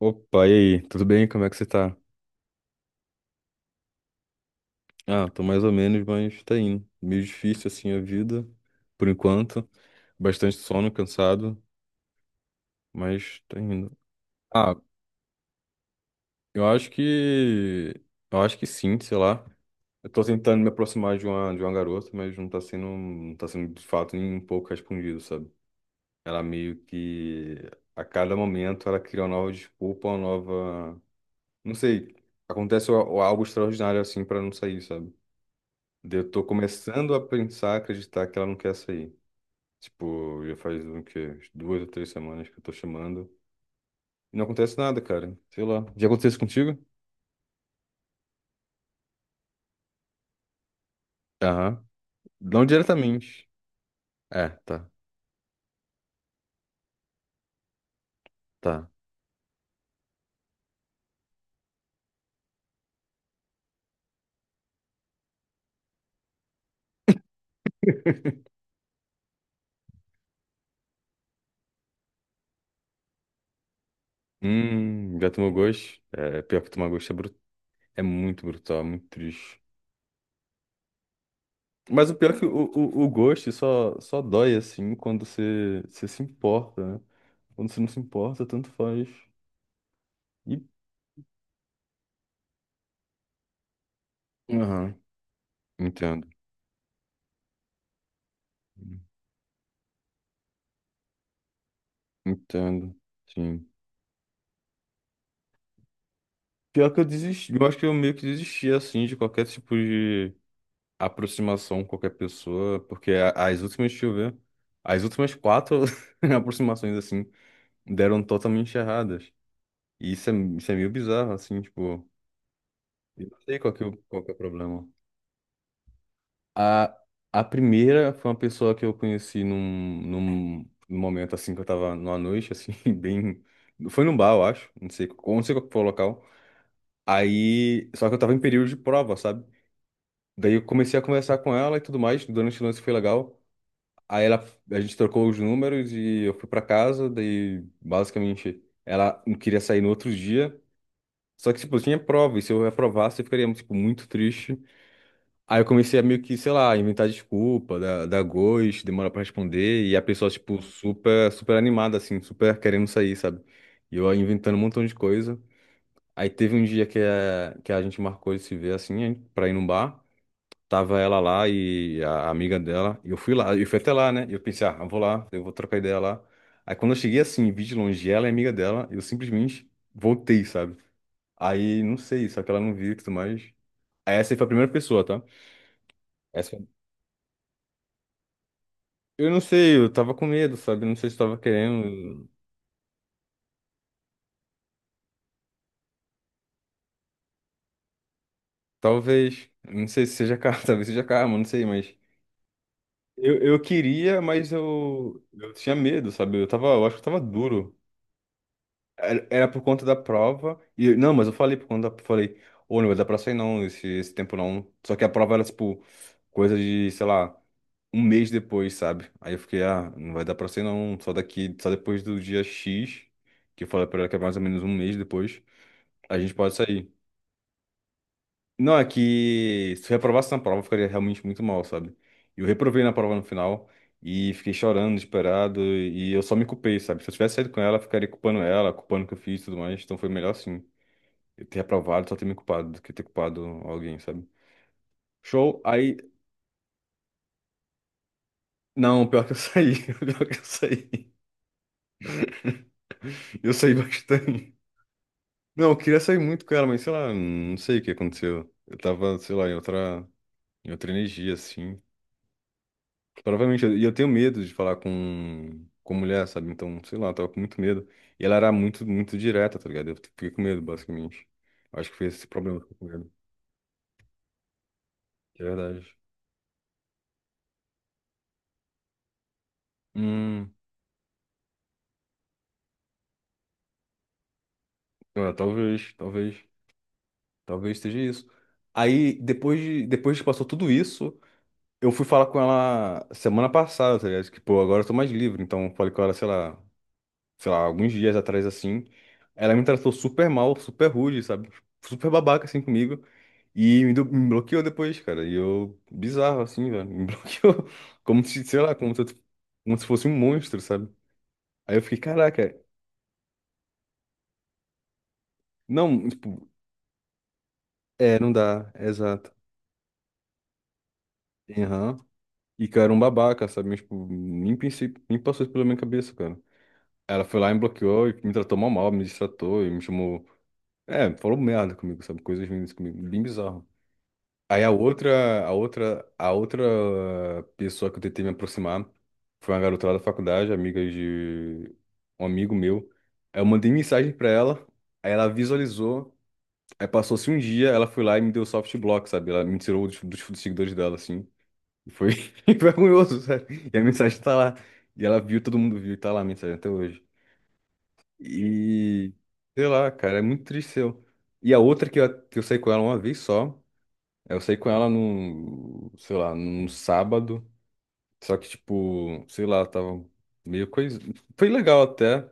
Opa, e aí? Tudo bem? Como é que você tá? Ah, tô mais ou menos, mas tá indo. Meio difícil assim a vida, por enquanto. Bastante sono, cansado, mas tá indo. Ah, eu acho que. Eu acho que sim, sei lá. Eu tô tentando me aproximar de uma garota, mas não tá sendo de fato nem um pouco respondido, sabe? Ela meio que a cada momento ela cria uma nova desculpa, não sei, acontece o algo extraordinário assim pra não sair, sabe? Daí eu tô começando a pensar, acreditar que ela não quer sair. Tipo, já faz o quê? Umas duas ou três semanas que eu tô chamando. E não acontece nada, cara. Sei lá. Já aconteceu isso contigo? Aham. Não diretamente. É, tá, tá. Já tomou gosto? É, pior que tomar gosto é, é muito brutal, é muito triste. Mas o pior é que o gosto só dói, assim, quando você se importa, né? Quando você não se importa, tanto faz. E... Aham, entendo. Entendo, sim. Pior que eu desisti, eu acho que eu meio que desisti assim de qualquer tipo de aproximação com qualquer pessoa, porque as últimas, deixa eu ver, as últimas quatro aproximações assim deram totalmente erradas. E isso é meio bizarro, assim, tipo, eu não sei qual que é o problema. A, a primeira foi uma pessoa que eu conheci num momento assim que eu tava numa noite, assim, bem. Foi num bar, eu acho, não sei qual que foi o local. Aí, só que eu tava em período de prova, sabe? Daí eu comecei a conversar com ela e tudo mais, durante o lance foi legal. Aí a gente trocou os números e eu fui pra casa, daí basicamente ela não queria sair no outro dia. Só que, tipo, eu tinha prova, e se eu reprovasse, eu ficaria, tipo, muito triste. Aí eu comecei a meio que, sei lá, inventar desculpa, dar ghost, demora pra responder, e a pessoa, tipo, super, super animada, assim, super querendo sair, sabe? E eu inventando um montão de coisa. Aí teve um dia que a gente marcou de se ver, assim, pra ir num bar. Tava ela lá e a amiga dela. E eu fui lá, eu fui até lá, né? E eu pensei, ah, eu vou lá, eu vou trocar ideia lá. Aí quando eu cheguei assim, vi de longe ela e a amiga dela, eu simplesmente voltei, sabe? Aí, não sei, só que ela não viu e tudo mais. Aí essa aí foi a primeira pessoa, tá? Essa foi- Eu não sei, eu tava com medo, sabe? Não sei se eu tava querendo. Talvez. Não sei se seja karma, talvez seja karma, não sei, mas. Eu queria, mas eu tinha medo, sabe? Eu tava, eu acho que eu tava duro. Era por conta da prova. E, não, mas eu falei falei, ô, não vai dar pra sair não, esse tempo não. Só que a prova era, tipo, coisa de, sei lá, um mês depois, sabe? Aí eu fiquei, ah, não vai dar pra sair não, só depois do dia X, que eu falei pra ela que é mais ou menos um mês depois, a gente pode sair. Não, é que se eu reprovasse na prova, eu ficaria realmente muito mal, sabe? Eu reprovei na prova no final e fiquei chorando, desesperado, e eu só me culpei, sabe? Se eu tivesse saído com ela, eu ficaria culpando ela, culpando o que eu fiz e tudo mais, então foi melhor assim. Ter aprovado só ter me culpado do que ter culpado alguém, sabe? Show, aí. Não, pior que eu saí. Pior que eu saí. Eu saí bastante. Não, eu queria sair muito com ela, mas sei lá, não sei o que aconteceu. Eu tava, sei lá, em outra energia, assim. Provavelmente, e eu tenho medo de falar com mulher, sabe? Então, sei lá, eu tava com muito medo. E ela era muito, muito direta, tá ligado? Eu fiquei com medo, basicamente. Acho que foi esse problema que eu fiquei com medo. De verdade. Hum, é, talvez, talvez. Talvez seja isso. Aí, depois que passou tudo isso, eu fui falar com ela semana passada, tá ligado? Que, pô, agora eu tô mais livre. Então, falei com ela, sei lá, alguns dias atrás, assim. Ela me tratou super mal, super rude, sabe? Super babaca, assim, comigo. E me bloqueou depois, cara. E eu, bizarro, assim, velho. Me bloqueou. Como se, sei lá, como se fosse um monstro, sabe? Aí eu fiquei, caraca. Não, tipo, é, não dá, exato. Aham. E, cara, um babaca, sabe? Mas, tipo, nem pensei, nem passou isso pela minha cabeça, cara. Ela foi lá e me bloqueou e me tratou mal, mal, me destratou e me chamou. É, falou merda comigo, sabe? Coisas ruins comigo, bem bizarro. Aí a outra pessoa que eu tentei me aproximar foi uma garota lá da faculdade, amiga de um amigo meu. Aí eu mandei mensagem pra ela, aí ela visualizou, aí passou-se um dia, ela foi lá e me deu soft block, sabe? Ela me tirou dos seguidores dela, assim. E foi e foi vergonhoso, sabe? E a mensagem tá lá. E ela viu, todo mundo viu, e tá lá a mensagem até hoje. E sei lá, cara, é muito triste eu. E a outra que eu saí com ela uma vez só, eu saí com ela sei lá, num sábado. Só que, tipo, sei lá, tava meio coisa. Foi legal até,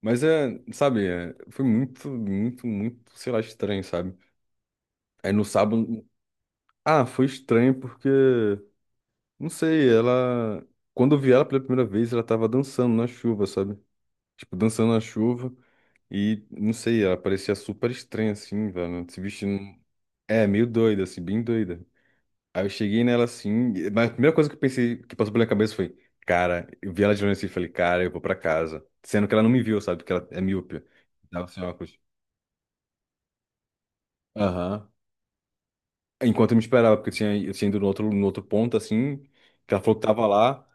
mas é, sabe, é, foi muito, muito, muito, sei lá, estranho, sabe? Aí no sábado. Ah, foi estranho porque. Não sei, ela. Quando eu vi ela pela primeira vez, ela tava dançando na chuva, sabe? Tipo, dançando na chuva. E, não sei, ela parecia super estranha, assim, velho. Se vestindo. É, meio doida, assim, bem doida. Aí eu cheguei nela assim, mas a primeira coisa que eu pensei, que passou pela minha cabeça foi, cara, eu vi ela de longe assim e falei, cara, eu vou pra casa. Sendo que ela não me viu, sabe? Porque ela é míope. Tava sem óculos. Aham. Enquanto eu me esperava, porque eu tinha ido no outro ponto, assim, que ela falou que tava lá.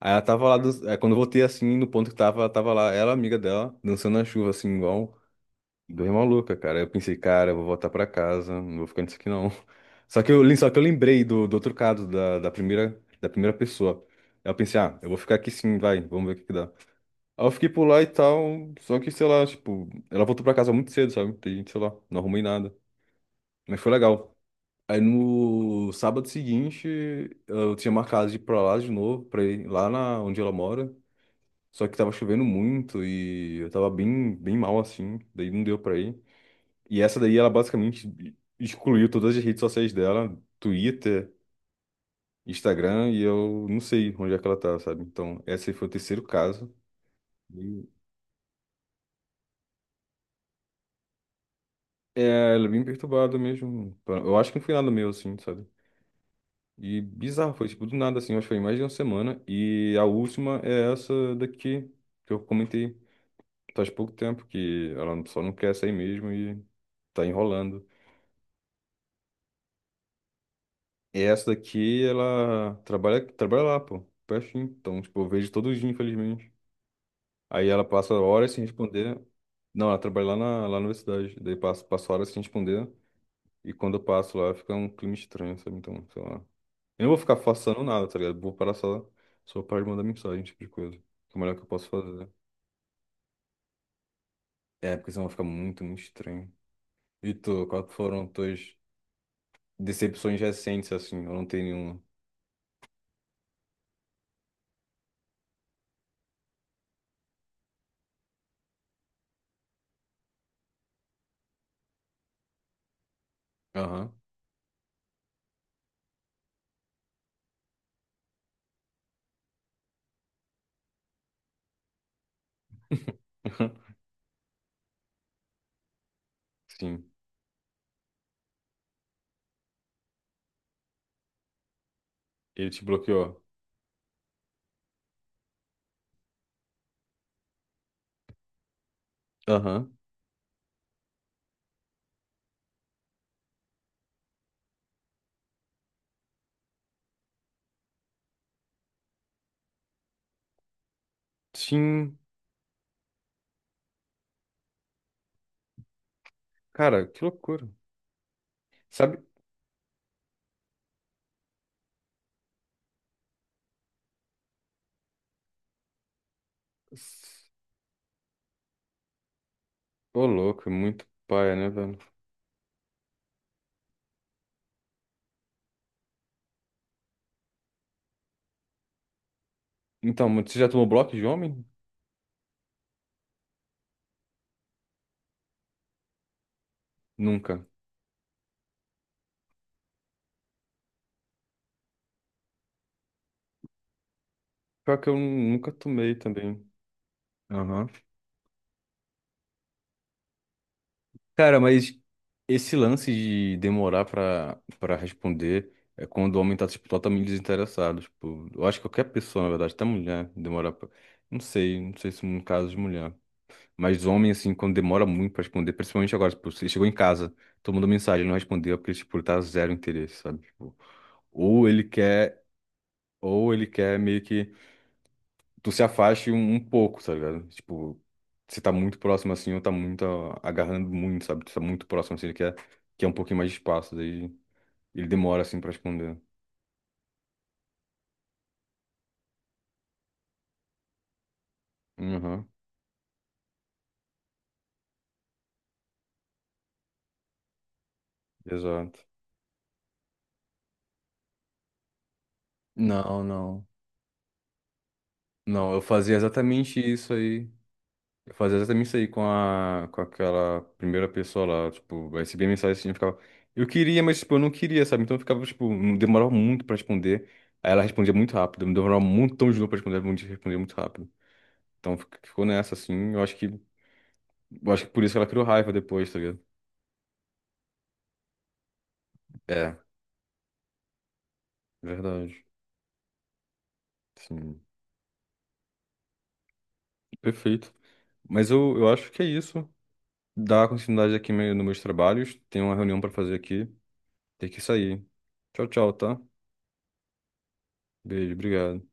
Aí ela tava lá, aí quando eu voltei assim, no ponto que tava, ela tava lá, ela, amiga dela, dançando na chuva, assim, igual dois maluca, cara. Aí eu pensei, cara, eu vou voltar pra casa, não vou ficar nisso aqui não. Só que eu lembrei do outro caso, da primeira pessoa. Aí eu pensei, ah, eu vou ficar aqui sim, vai, vamos ver o que que dá. Aí eu fiquei por lá e tal, só que, sei lá, tipo, ela voltou pra casa muito cedo, sabe? Tem, sei lá, não arrumei nada. Mas foi legal. Aí no sábado seguinte, eu tinha marcado de ir pra lá de novo, pra ir lá na, onde ela mora. Só que tava chovendo muito e eu tava bem, bem mal assim, daí não deu pra ir. E essa daí ela basicamente excluiu todas as redes sociais dela, Twitter, Instagram, e eu não sei onde é que ela tá, sabe? Então, esse aí foi o terceiro caso. E, é, ela é bem perturbada mesmo. Eu acho que não foi nada meu, assim, sabe? E bizarro, foi tipo do nada, assim, eu acho que foi mais de uma semana. E a última é essa daqui, que eu comentei faz pouco tempo, que ela só não quer sair mesmo e tá enrolando. E essa daqui, ela trabalha lá, pô, pertinho. Então, tipo, eu vejo todo dia, infelizmente. Aí ela passa horas sem responder. Não, ela trabalha lá na universidade. Daí passa horas sem responder. E quando eu passo lá, fica um clima estranho, sabe? Então, sei lá. Eu não vou ficar façando nada, tá ligado? Vou parar só para de mandar mensagem, esse tipo de coisa. Que é o melhor que eu posso fazer. É, porque senão vai ficar muito, muito estranho. E tu, quais foram tuas decepções recentes, assim? Eu não tenho nenhuma. Aham. Sim. Ele te bloqueou. Aham. Sim, cara, que loucura. Sabe? S- Ô, louco, é muito paia, né, velho? Então, mas você já tomou bloco de homem? Nunca. Pior que eu nunca tomei também. Aham. Cara, mas esse lance de demorar pra responder é quando o homem tá, tipo, totalmente desinteressado. Tipo, eu acho que qualquer pessoa, na verdade, até mulher, demorar pra. Não sei, não sei se no caso de mulher. Mas homem, assim, quando demora muito pra responder, principalmente agora, tipo, você chegou em casa, tomando mensagem, ele não respondeu é porque, tipo, ele tá zero interesse, sabe? Tipo, Ou ele quer, ou ele quer meio que tu se afaste um pouco, tá ligado? Tipo, você tá muito próximo assim, ou tá muito ó, agarrando muito, sabe? Tu tá muito próximo assim, ele quer um pouquinho mais de espaço, daí ele demora assim pra responder. Uhum, exato. Não, não. Não, eu fazia exatamente isso aí. Eu fazia exatamente isso aí com aquela primeira pessoa lá, tipo, eu recebia mensagem assim, eu ficava, eu queria, mas, tipo, eu não queria, sabe? Então eu ficava, tipo, demorava muito pra responder, aí ela respondia muito rápido, me demorava um montão de novo pra responder, ela respondia muito rápido. Então ficou nessa, assim, eu acho que por isso que ela criou raiva depois, tá ligado? É, verdade, sim, perfeito. Mas eu acho que é isso, dá continuidade aqui nos meus trabalhos, tem uma reunião pra fazer aqui, tem que sair. Tchau, tchau, tá? Beijo, obrigado.